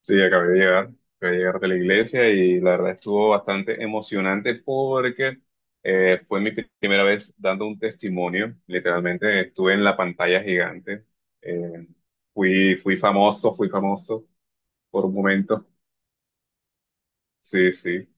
Sí, acabé de llegar de la iglesia y la verdad estuvo bastante emocionante porque fue mi primera vez dando un testimonio. Literalmente estuve en la pantalla gigante. Eh, fui famoso por un momento. Sí, sí.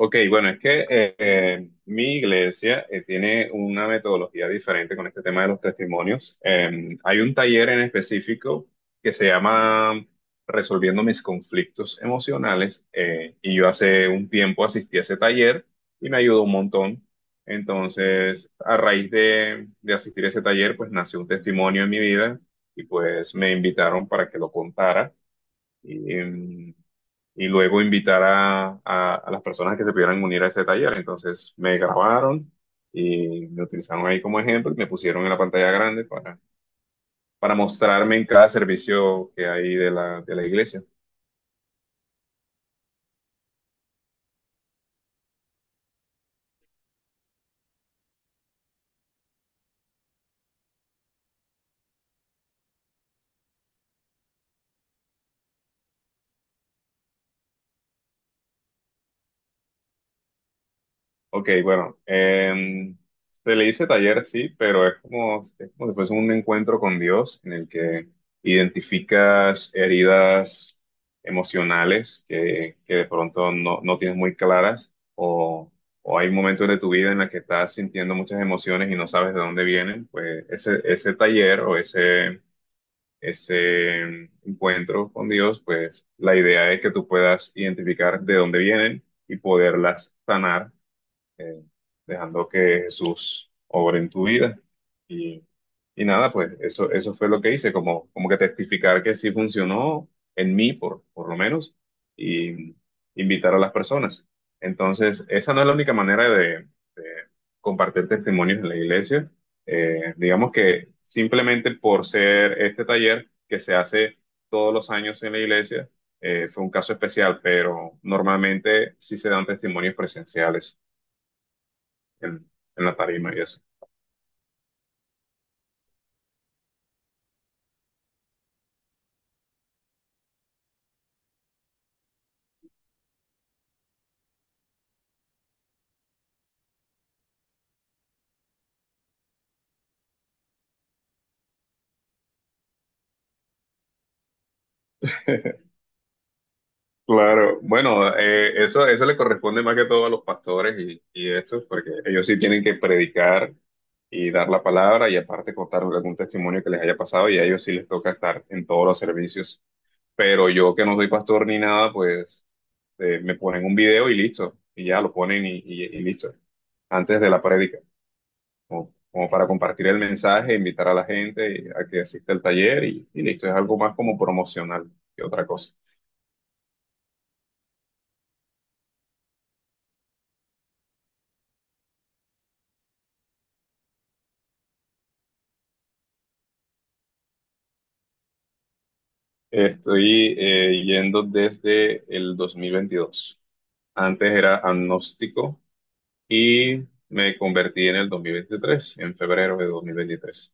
Ok, bueno, es que mi iglesia tiene una metodología diferente con este tema de los testimonios. Hay un taller en específico que se llama Resolviendo mis conflictos emocionales y yo hace un tiempo asistí a ese taller y me ayudó un montón. Entonces, a raíz de asistir a ese taller, pues nació un testimonio en mi vida y pues me invitaron para que lo contara. Y, em, y luego invitar a las personas que se pudieran unir a ese taller. Entonces me grabaron y me utilizaron ahí como ejemplo y me pusieron en la pantalla grande para mostrarme en cada servicio que hay de de la iglesia. Ok, bueno, se le dice taller, sí, pero es como si fuese un encuentro con Dios en el que identificas heridas emocionales que de pronto no tienes muy claras o hay momentos de tu vida en la que estás sintiendo muchas emociones y no sabes de dónde vienen, pues ese taller o ese encuentro con Dios, pues la idea es que tú puedas identificar de dónde vienen y poderlas sanar eh, dejando que Jesús obre en tu vida. Y, y nada, pues eso fue lo que hice, como, como que testificar que sí funcionó en mí, por lo menos, y invitar a las personas. Entonces, esa no es la única manera de compartir testimonios en la iglesia. Digamos que simplemente por ser este taller que se hace todos los años en la iglesia, fue un caso especial, pero normalmente sí se dan testimonios presenciales en, en la tarima y eso. Claro, bueno, eso, eso le corresponde más que todo a los pastores y estos, porque ellos sí tienen que predicar y dar la palabra y aparte contar algún testimonio que les haya pasado y a ellos sí les toca estar en todos los servicios. Pero yo que no soy pastor ni nada, pues me ponen un video y listo, y ya lo ponen y, y listo, antes de la prédica, como, como para compartir el mensaje, invitar a la gente a que asista al taller y listo, es algo más como promocional que otra cosa. Estoy yendo desde el 2022. Antes era agnóstico y me convertí en el 2023, en febrero de 2023.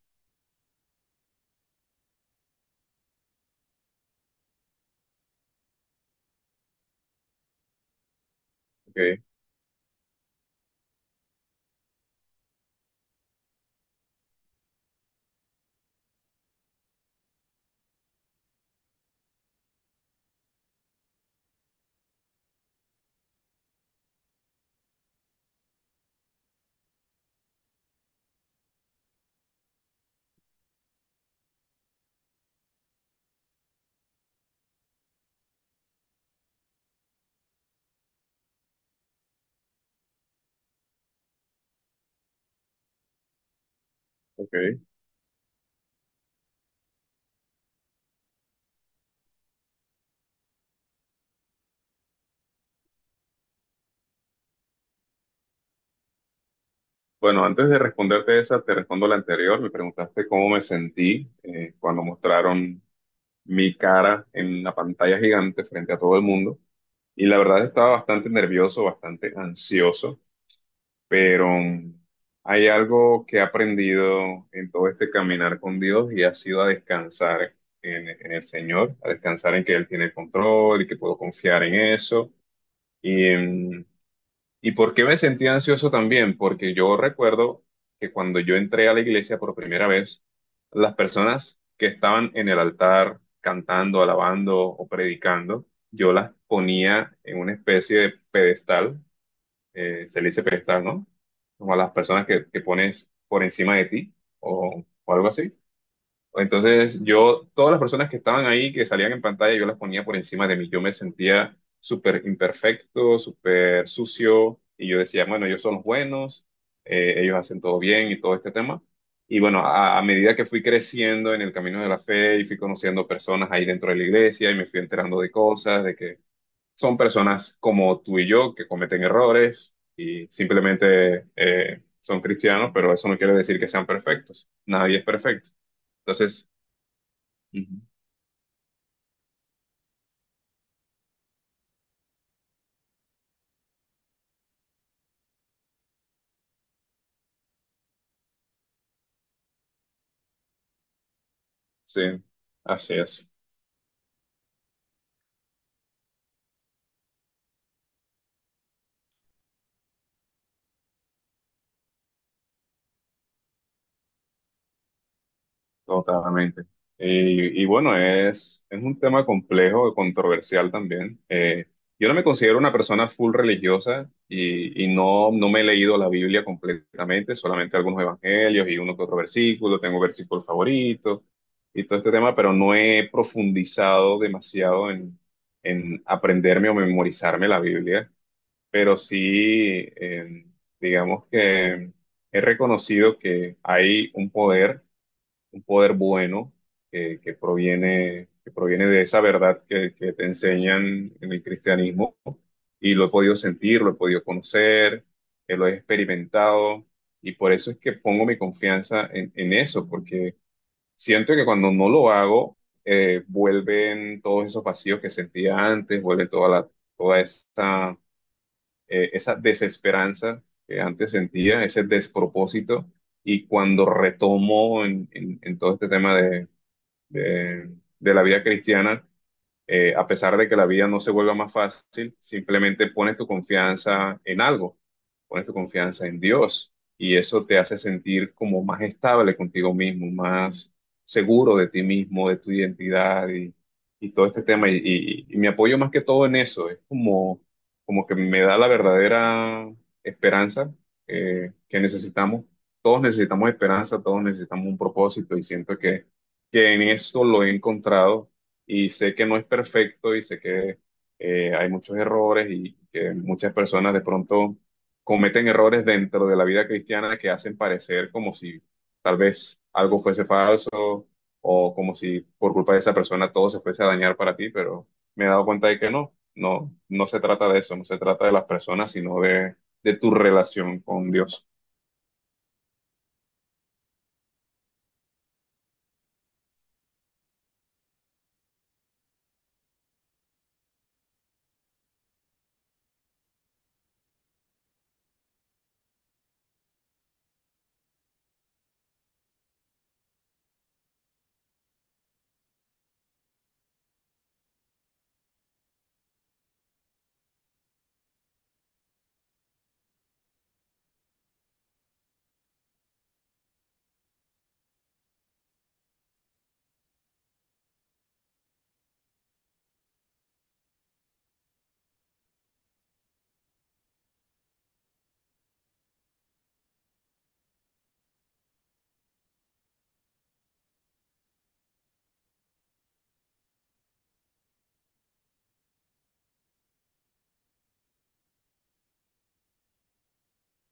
Ok, ok. Bueno, antes de responderte esa, te respondo la anterior. Me preguntaste cómo me sentí cuando mostraron mi cara en la pantalla gigante frente a todo el mundo. Y la verdad estaba bastante nervioso, bastante ansioso. Pero hay algo que he aprendido en todo este caminar con Dios y ha sido a descansar en el Señor, a descansar en que Él tiene el control y que puedo confiar en eso. Y, em, ¿Y por qué me sentí ansioso también? Porque yo recuerdo que cuando yo entré a la iglesia por primera vez, las personas que estaban en el altar cantando, alabando o predicando, yo las ponía en una especie de pedestal se le dice pedestal, ¿no? Como a las personas que pones por encima de ti o algo así. Entonces yo, todas las personas que estaban ahí, que salían en pantalla, yo las ponía por encima de mí. Yo me sentía súper imperfecto, súper sucio y yo decía, bueno, ellos son los buenos, ellos hacen todo bien y todo este tema. Y bueno, a medida que fui creciendo en el camino de la fe y fui conociendo personas ahí dentro de la iglesia y me fui enterando de cosas, de que son personas como tú y yo que cometen errores y simplemente son cristianos, pero eso no quiere decir que sean perfectos. Nadie es perfecto. Entonces, ujú. Sí, así es. Totalmente. Y bueno, es un tema complejo, controversial también. Yo no me considero una persona full religiosa y no, no me he leído la Biblia completamente, solamente algunos evangelios y uno que otro versículo, tengo versículos favoritos y todo este tema, pero no he profundizado demasiado en aprenderme o memorizarme la Biblia, pero sí, eh, digamos que he reconocido que hay un poder bueno que proviene de esa verdad que te enseñan en el cristianismo y lo he podido sentir, lo he podido conocer, lo he experimentado y por eso es que pongo mi confianza en eso, porque siento que cuando no lo hago, vuelven todos esos vacíos que sentía antes, vuelve toda la, toda esa, esa desesperanza que antes sentía, ese despropósito. Y cuando retomo en, en todo este tema de, de la vida cristiana a pesar de que la vida no se vuelva más fácil, simplemente pones tu confianza en algo, pones tu confianza en Dios y eso te hace sentir como más estable contigo mismo, más seguro de ti mismo, de tu identidad y todo este tema. Y, y me apoyo más que todo en eso, es como, como que me da la verdadera esperanza que necesitamos. Todos necesitamos esperanza, todos necesitamos un propósito y siento que en eso lo he encontrado y sé que no es perfecto y sé que hay muchos errores y que muchas personas de pronto cometen errores dentro de la vida cristiana que hacen parecer como si tal vez algo fuese falso o como si por culpa de esa persona todo se fuese a dañar para ti, pero me he dado cuenta de que no, no, no se trata de eso, no se trata de las personas, sino de tu relación con Dios.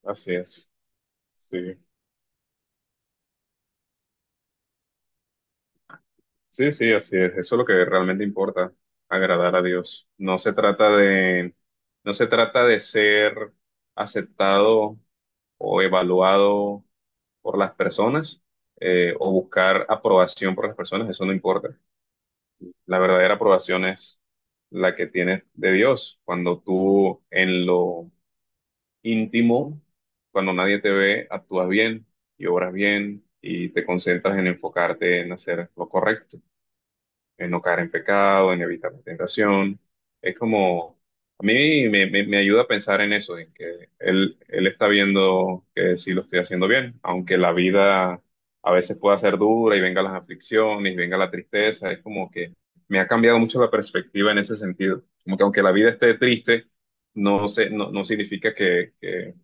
Así es. Sí. Sí, sí, así es. Eso es lo que realmente importa, agradar a Dios. No se trata de, no se trata de ser aceptado o evaluado por las personas o buscar aprobación por las personas. Eso no importa. La verdadera aprobación es la que tienes de Dios. Cuando tú en lo íntimo, cuando nadie te ve, actúas bien y obras bien y te concentras en enfocarte en hacer lo correcto en no caer en pecado, en evitar la tentación. Es como, a mí me, me ayuda a pensar en eso, en que él está viendo que sí lo estoy haciendo bien, aunque la vida a veces pueda ser dura y venga las aflicciones, venga la tristeza, es como que me ha cambiado mucho la perspectiva en ese sentido. Como que aunque la vida esté triste, no sé, no, no significa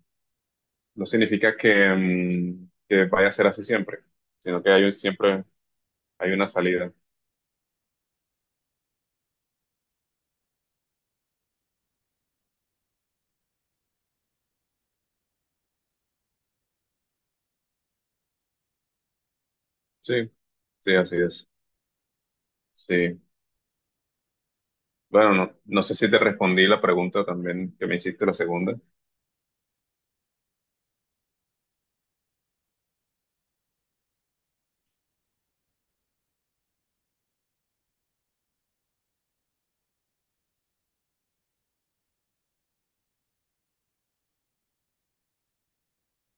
no significa que, que vaya a ser así siempre, sino que hay siempre hay una salida. Sí, sí, así es. Sí. Bueno, no, no sé si te respondí la pregunta también que me hiciste, la segunda.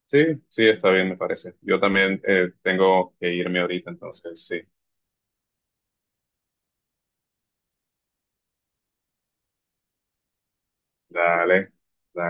Sí, sí, está bien, me parece. Yo también tengo que irme ahorita, entonces sí. Dale, dale.